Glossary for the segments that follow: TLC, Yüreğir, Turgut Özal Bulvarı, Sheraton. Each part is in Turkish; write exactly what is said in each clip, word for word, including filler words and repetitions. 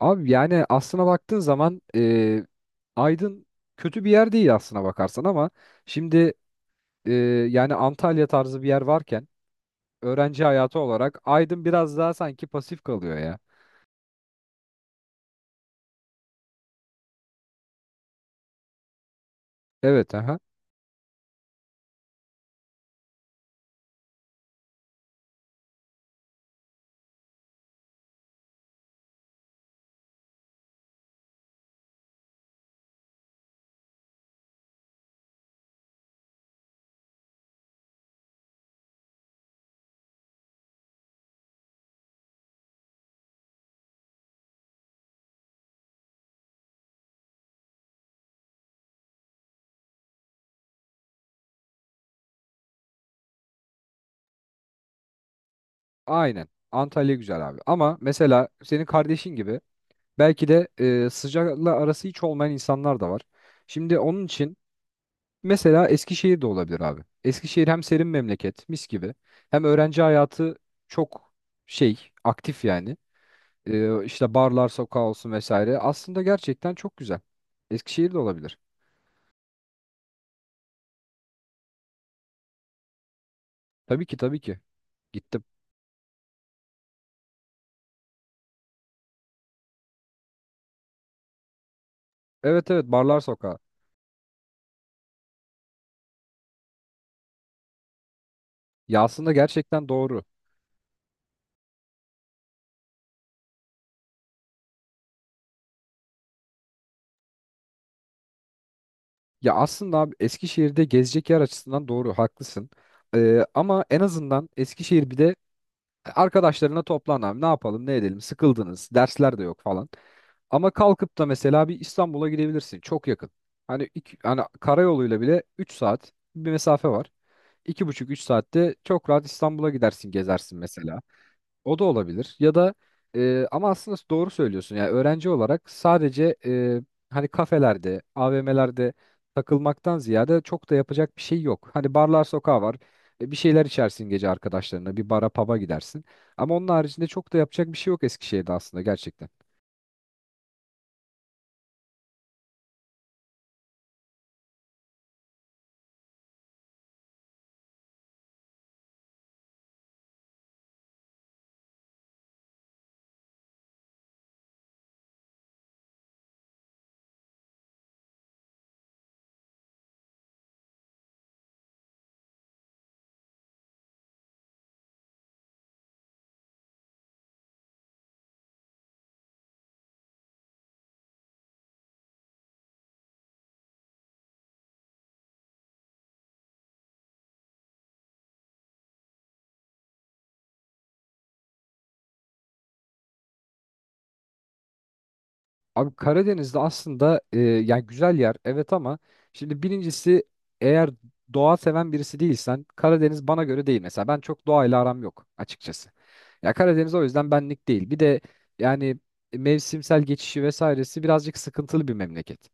Abi yani aslına baktığın zaman e, Aydın kötü bir yer değil aslına bakarsan ama şimdi e, yani Antalya tarzı bir yer varken öğrenci hayatı olarak Aydın biraz daha sanki pasif kalıyor ya. Evet aha. Aynen. Antalya güzel abi. Ama mesela senin kardeşin gibi belki de e, sıcakla arası hiç olmayan insanlar da var. Şimdi onun için mesela Eskişehir de olabilir abi. Eskişehir hem serin memleket mis gibi hem öğrenci hayatı çok şey aktif yani. E, işte barlar sokağı olsun vesaire. Aslında gerçekten çok güzel. Eskişehir'de olabilir. Tabii ki tabii ki. Gittim. Evet evet barlar sokağı. Ya aslında gerçekten doğru. Ya aslında abi Eskişehir'de gezecek yer açısından doğru haklısın. Ee, ama en azından Eskişehir bir de arkadaşlarına toplan abi ne yapalım ne edelim sıkıldınız dersler de yok falan. Ama kalkıp da mesela bir İstanbul'a gidebilirsin çok yakın. Hani, iki, hani karayoluyla bile üç saat bir mesafe var. iki buçuk üç saatte çok rahat İstanbul'a gidersin gezersin mesela. O da olabilir. Ya da e, ama aslında doğru söylüyorsun. Yani öğrenci olarak sadece e, hani kafelerde, A V M'lerde takılmaktan ziyade çok da yapacak bir şey yok. Hani barlar sokağı var. E, bir şeyler içersin gece arkadaşlarına. Bir bara pub'a gidersin. Ama onun haricinde çok da yapacak bir şey yok Eskişehir'de aslında gerçekten. Abi Karadeniz'de aslında e, yani güzel yer evet ama şimdi birincisi eğer doğa seven birisi değilsen Karadeniz bana göre değil. Mesela ben çok doğayla aram yok açıkçası. Ya Karadeniz o yüzden benlik değil. Bir de yani mevsimsel geçişi vesairesi birazcık sıkıntılı bir memleket.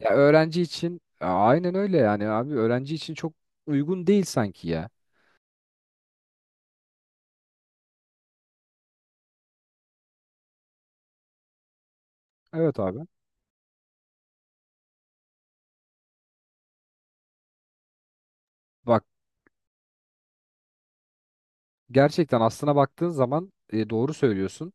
Ya öğrenci için Ya aynen öyle yani abi öğrenci için çok uygun değil sanki ya. Evet abi. Bak. Gerçekten aslına baktığın zaman e, doğru söylüyorsun.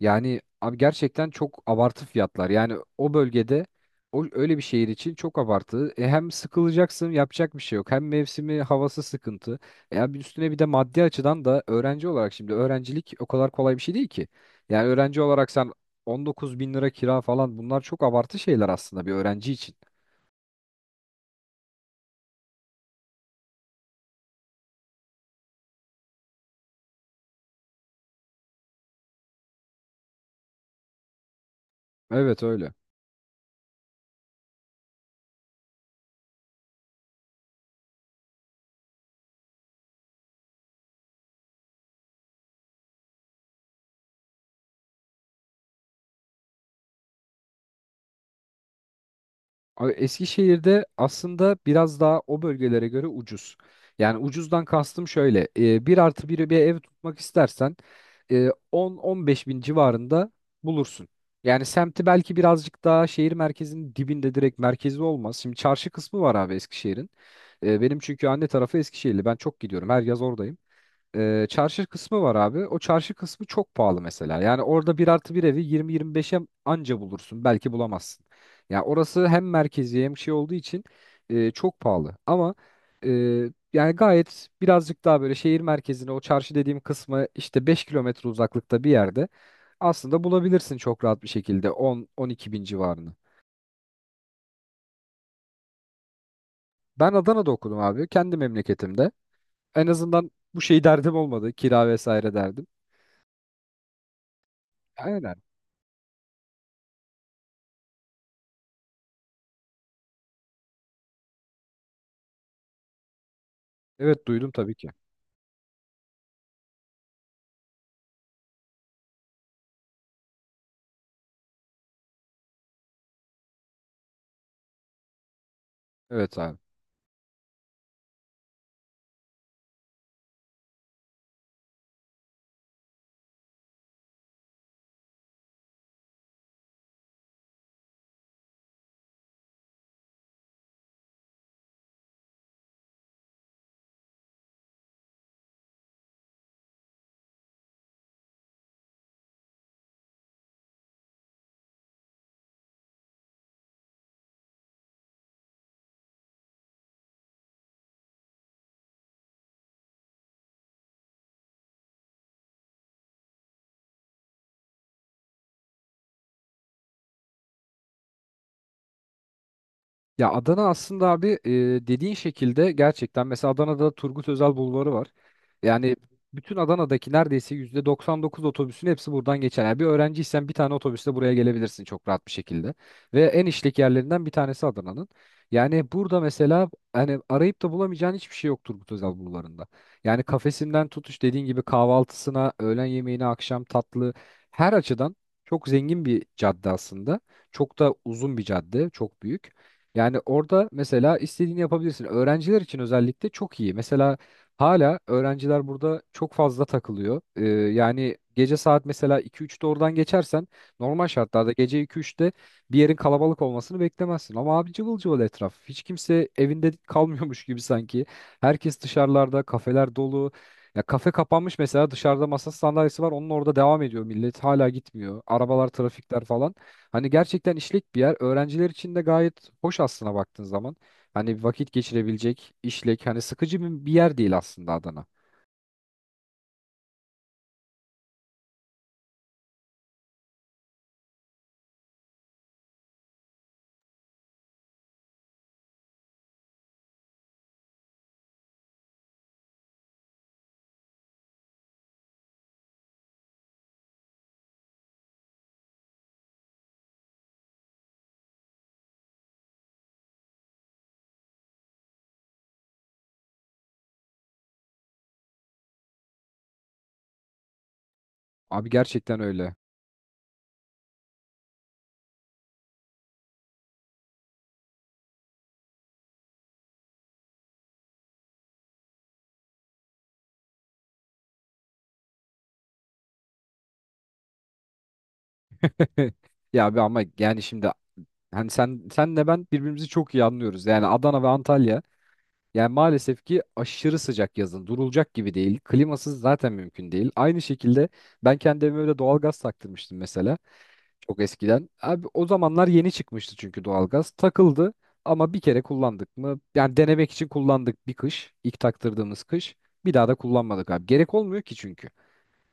Yani abi gerçekten çok abartı fiyatlar. Yani o bölgede o öyle bir şehir için çok abartı. E, hem sıkılacaksın, yapacak bir şey yok. Hem mevsimi, havası sıkıntı. E, abi üstüne bir de maddi açıdan da öğrenci olarak şimdi öğrencilik o kadar kolay bir şey değil ki. Yani öğrenci olarak sen on dokuz bin lira kira falan bunlar çok abartı şeyler aslında bir öğrenci için. Evet öyle. A- Eskişehir'de aslında biraz daha o bölgelere göre ucuz. Yani ucuzdan kastım şöyle. E, bir artı biri bir ev tutmak istersen e, on on beş bin civarında bulursun. Yani semti belki birazcık daha şehir merkezinin dibinde direkt merkezi olmaz. Şimdi çarşı kısmı var abi Eskişehir'in. E, benim çünkü anne tarafı Eskişehirli. Ben çok gidiyorum. Her yaz oradayım e, çarşı kısmı var abi. O çarşı kısmı çok pahalı mesela. Yani orada bir artı bir evi yirmi yirmi beşe anca bulursun. Belki bulamazsın. Ya orası hem merkezi hem şey olduğu için e, çok pahalı. Ama e, yani gayet birazcık daha böyle şehir merkezine o çarşı dediğim kısmı işte beş kilometre uzaklıkta bir yerde aslında bulabilirsin çok rahat bir şekilde on on iki bin civarını. Ben Adana'da okudum abi. Kendi memleketimde. En azından bu şey derdim olmadı. Kira vesaire derdim. Aynen. Evet duydum tabii ki. Evet abi. Ya Adana aslında abi e, dediğin şekilde gerçekten mesela Adana'da Turgut Özal Bulvarı var. Yani bütün Adana'daki neredeyse yüzde doksan dokuz otobüsün hepsi buradan geçer. Yani bir öğrenciysen bir tane otobüsle buraya gelebilirsin çok rahat bir şekilde. Ve en işlek yerlerinden bir tanesi Adana'nın. Yani burada mesela hani arayıp da bulamayacağın hiçbir şey yok Turgut Özal Bulvarı'nda. Yani kafesinden tutuş dediğin gibi kahvaltısına, öğlen yemeğine, akşam tatlı her açıdan çok zengin bir cadde aslında. Çok da uzun bir cadde, çok büyük. Yani orada mesela istediğini yapabilirsin. Öğrenciler için özellikle çok iyi. Mesela hala öğrenciler burada çok fazla takılıyor. Ee, yani gece saat mesela iki üçte oradan geçersen normal şartlarda gece iki üçte bir yerin kalabalık olmasını beklemezsin. Ama abi cıvıl cıvıl etraf. Hiç kimse evinde kalmıyormuş gibi sanki. Herkes dışarılarda, kafeler dolu. Ya kafe kapanmış mesela dışarıda masa sandalyesi var. Onun orada devam ediyor millet. Hala gitmiyor. Arabalar, trafikler falan. Hani gerçekten işlek bir yer. Öğrenciler için de gayet hoş aslına baktığın zaman. Hani vakit geçirebilecek işlek. Hani sıkıcı bir bir yer değil aslında Adana. Abi gerçekten öyle. Ya abi ama yani şimdi hani sen senle ben birbirimizi çok iyi anlıyoruz. Yani Adana ve Antalya yani maalesef ki aşırı sıcak yazın. Durulacak gibi değil. Klimasız zaten mümkün değil. Aynı şekilde ben kendi evime de doğalgaz taktırmıştım mesela. Çok eskiden. Abi o zamanlar yeni çıkmıştı çünkü doğalgaz. Takıldı ama bir kere kullandık mı? Yani denemek için kullandık bir kış. İlk taktırdığımız kış. Bir daha da kullanmadık abi. Gerek olmuyor ki çünkü.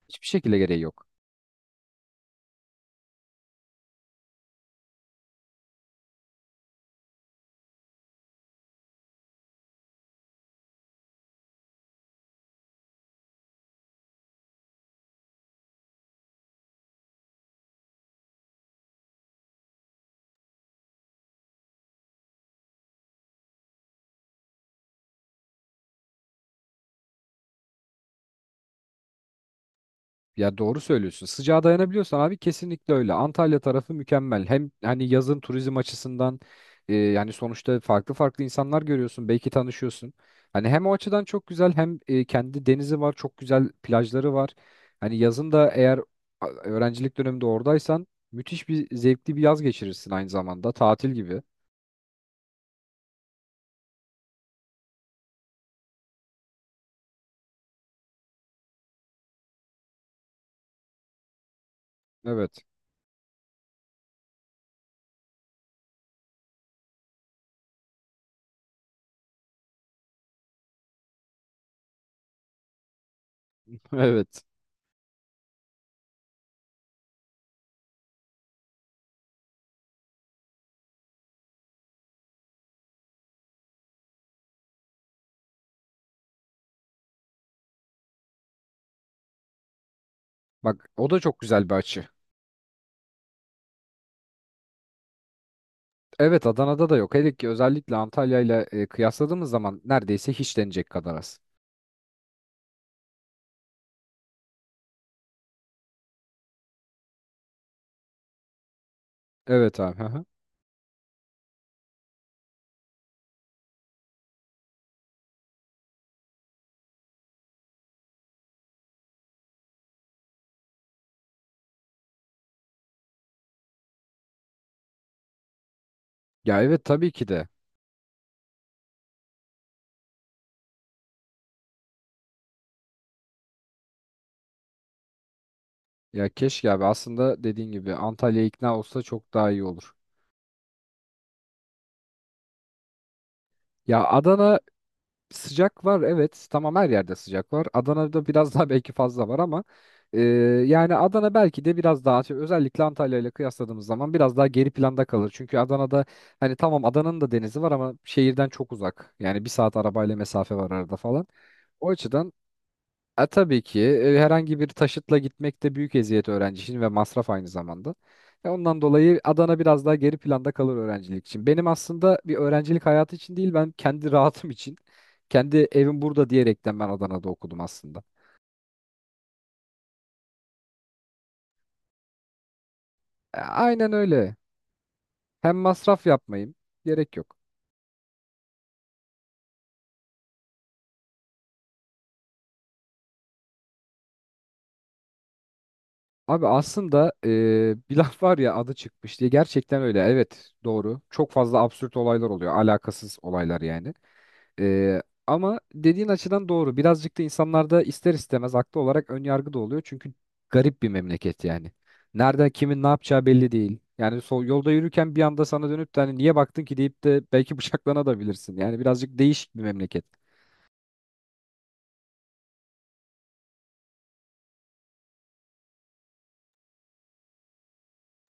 Hiçbir şekilde gereği yok. Ya doğru söylüyorsun. Sıcağa dayanabiliyorsan abi kesinlikle öyle. Antalya tarafı mükemmel. Hem hani yazın turizm açısından e, yani sonuçta farklı farklı insanlar görüyorsun. Belki tanışıyorsun. Hani hem o açıdan çok güzel hem e, kendi denizi var. Çok güzel plajları var. Hani yazın da eğer a- öğrencilik döneminde oradaysan müthiş bir zevkli bir yaz geçirirsin aynı zamanda. Tatil gibi. Evet. Evet. Bak o da çok güzel bir açı. Evet Adana'da da yok. Hele ki özellikle Antalya ile e, kıyasladığımız zaman neredeyse hiç denecek kadar az. Evet abi. Hı hı. Ya evet tabii ki de. Ya keşke abi aslında dediğin gibi Antalya ikna olsa çok daha iyi olur. Ya Adana sıcak var evet tamam her yerde sıcak var. Adana'da biraz daha belki fazla var ama e, yani Adana belki de biraz daha şey, özellikle Antalya ile kıyasladığımız zaman biraz daha geri planda kalır. Çünkü Adana'da hani tamam Adana'nın da denizi var ama şehirden çok uzak. Yani bir saat arabayla mesafe var arada falan. O açıdan E, tabii ki e, herhangi bir taşıtla gitmek de büyük eziyet öğrenci için ve masraf aynı zamanda. E, ondan dolayı Adana biraz daha geri planda kalır öğrencilik için. Benim aslında bir öğrencilik hayatı için değil ben kendi rahatım için. Kendi evim burada diyerekten ben Adana'da okudum aslında. E, aynen öyle. Hem masraf yapmayayım. Gerek yok. Abi aslında eee, bir laf var ya adı çıkmış diye gerçekten öyle. Evet doğru. Çok fazla absürt olaylar oluyor. Alakasız olaylar yani. Eee, ama dediğin açıdan doğru. Birazcık da insanlarda ister istemez haklı olarak ön yargı da oluyor. Çünkü garip bir memleket yani. Nerede kimin ne yapacağı belli değil. Yani sol, yolda yürürken bir anda sana dönüp de hani niye baktın ki deyip de belki bıçaklanabilirsin. Yani birazcık değişik bir memleket.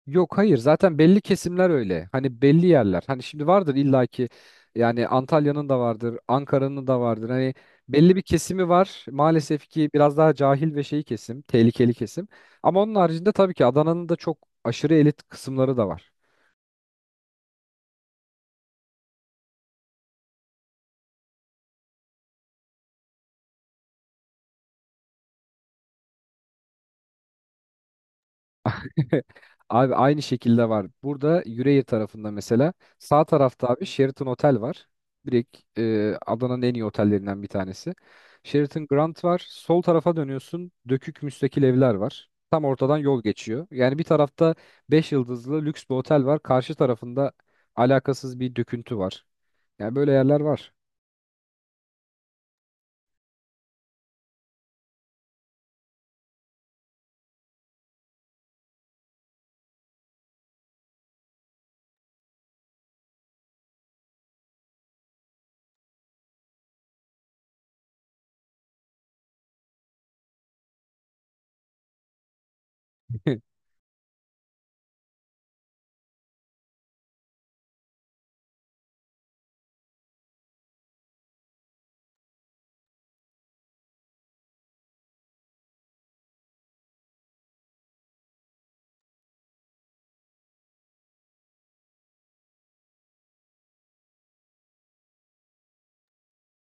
Yok hayır zaten belli kesimler öyle. Hani belli yerler. Hani şimdi vardır illaki yani Antalya'nın da vardır, Ankara'nın da vardır. Hani belli bir kesimi var. Maalesef ki biraz daha cahil ve şey kesim, tehlikeli kesim. Ama onun haricinde tabii ki Adana'nın da çok aşırı elit kısımları da var. Abi aynı şekilde var. Burada Yüreğir tarafında mesela sağ tarafta abi Sheraton Otel var. Direkt e, Adana'nın en iyi otellerinden bir tanesi. Sheraton Grand var. Sol tarafa dönüyorsun. Dökük müstakil evler var. Tam ortadan yol geçiyor. Yani bir tarafta beş yıldızlı lüks bir otel var. Karşı tarafında alakasız bir döküntü var. Yani böyle yerler var.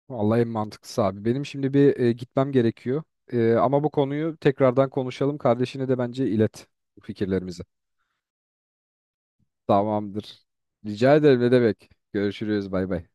Vallahi en mantıklısı abi. Benim şimdi bir e, gitmem gerekiyor. E, ama bu konuyu tekrardan konuşalım. Kardeşine de bence ilet bu fikirlerimizi. Tamamdır. Rica ederim ne demek. Görüşürüz bay bay.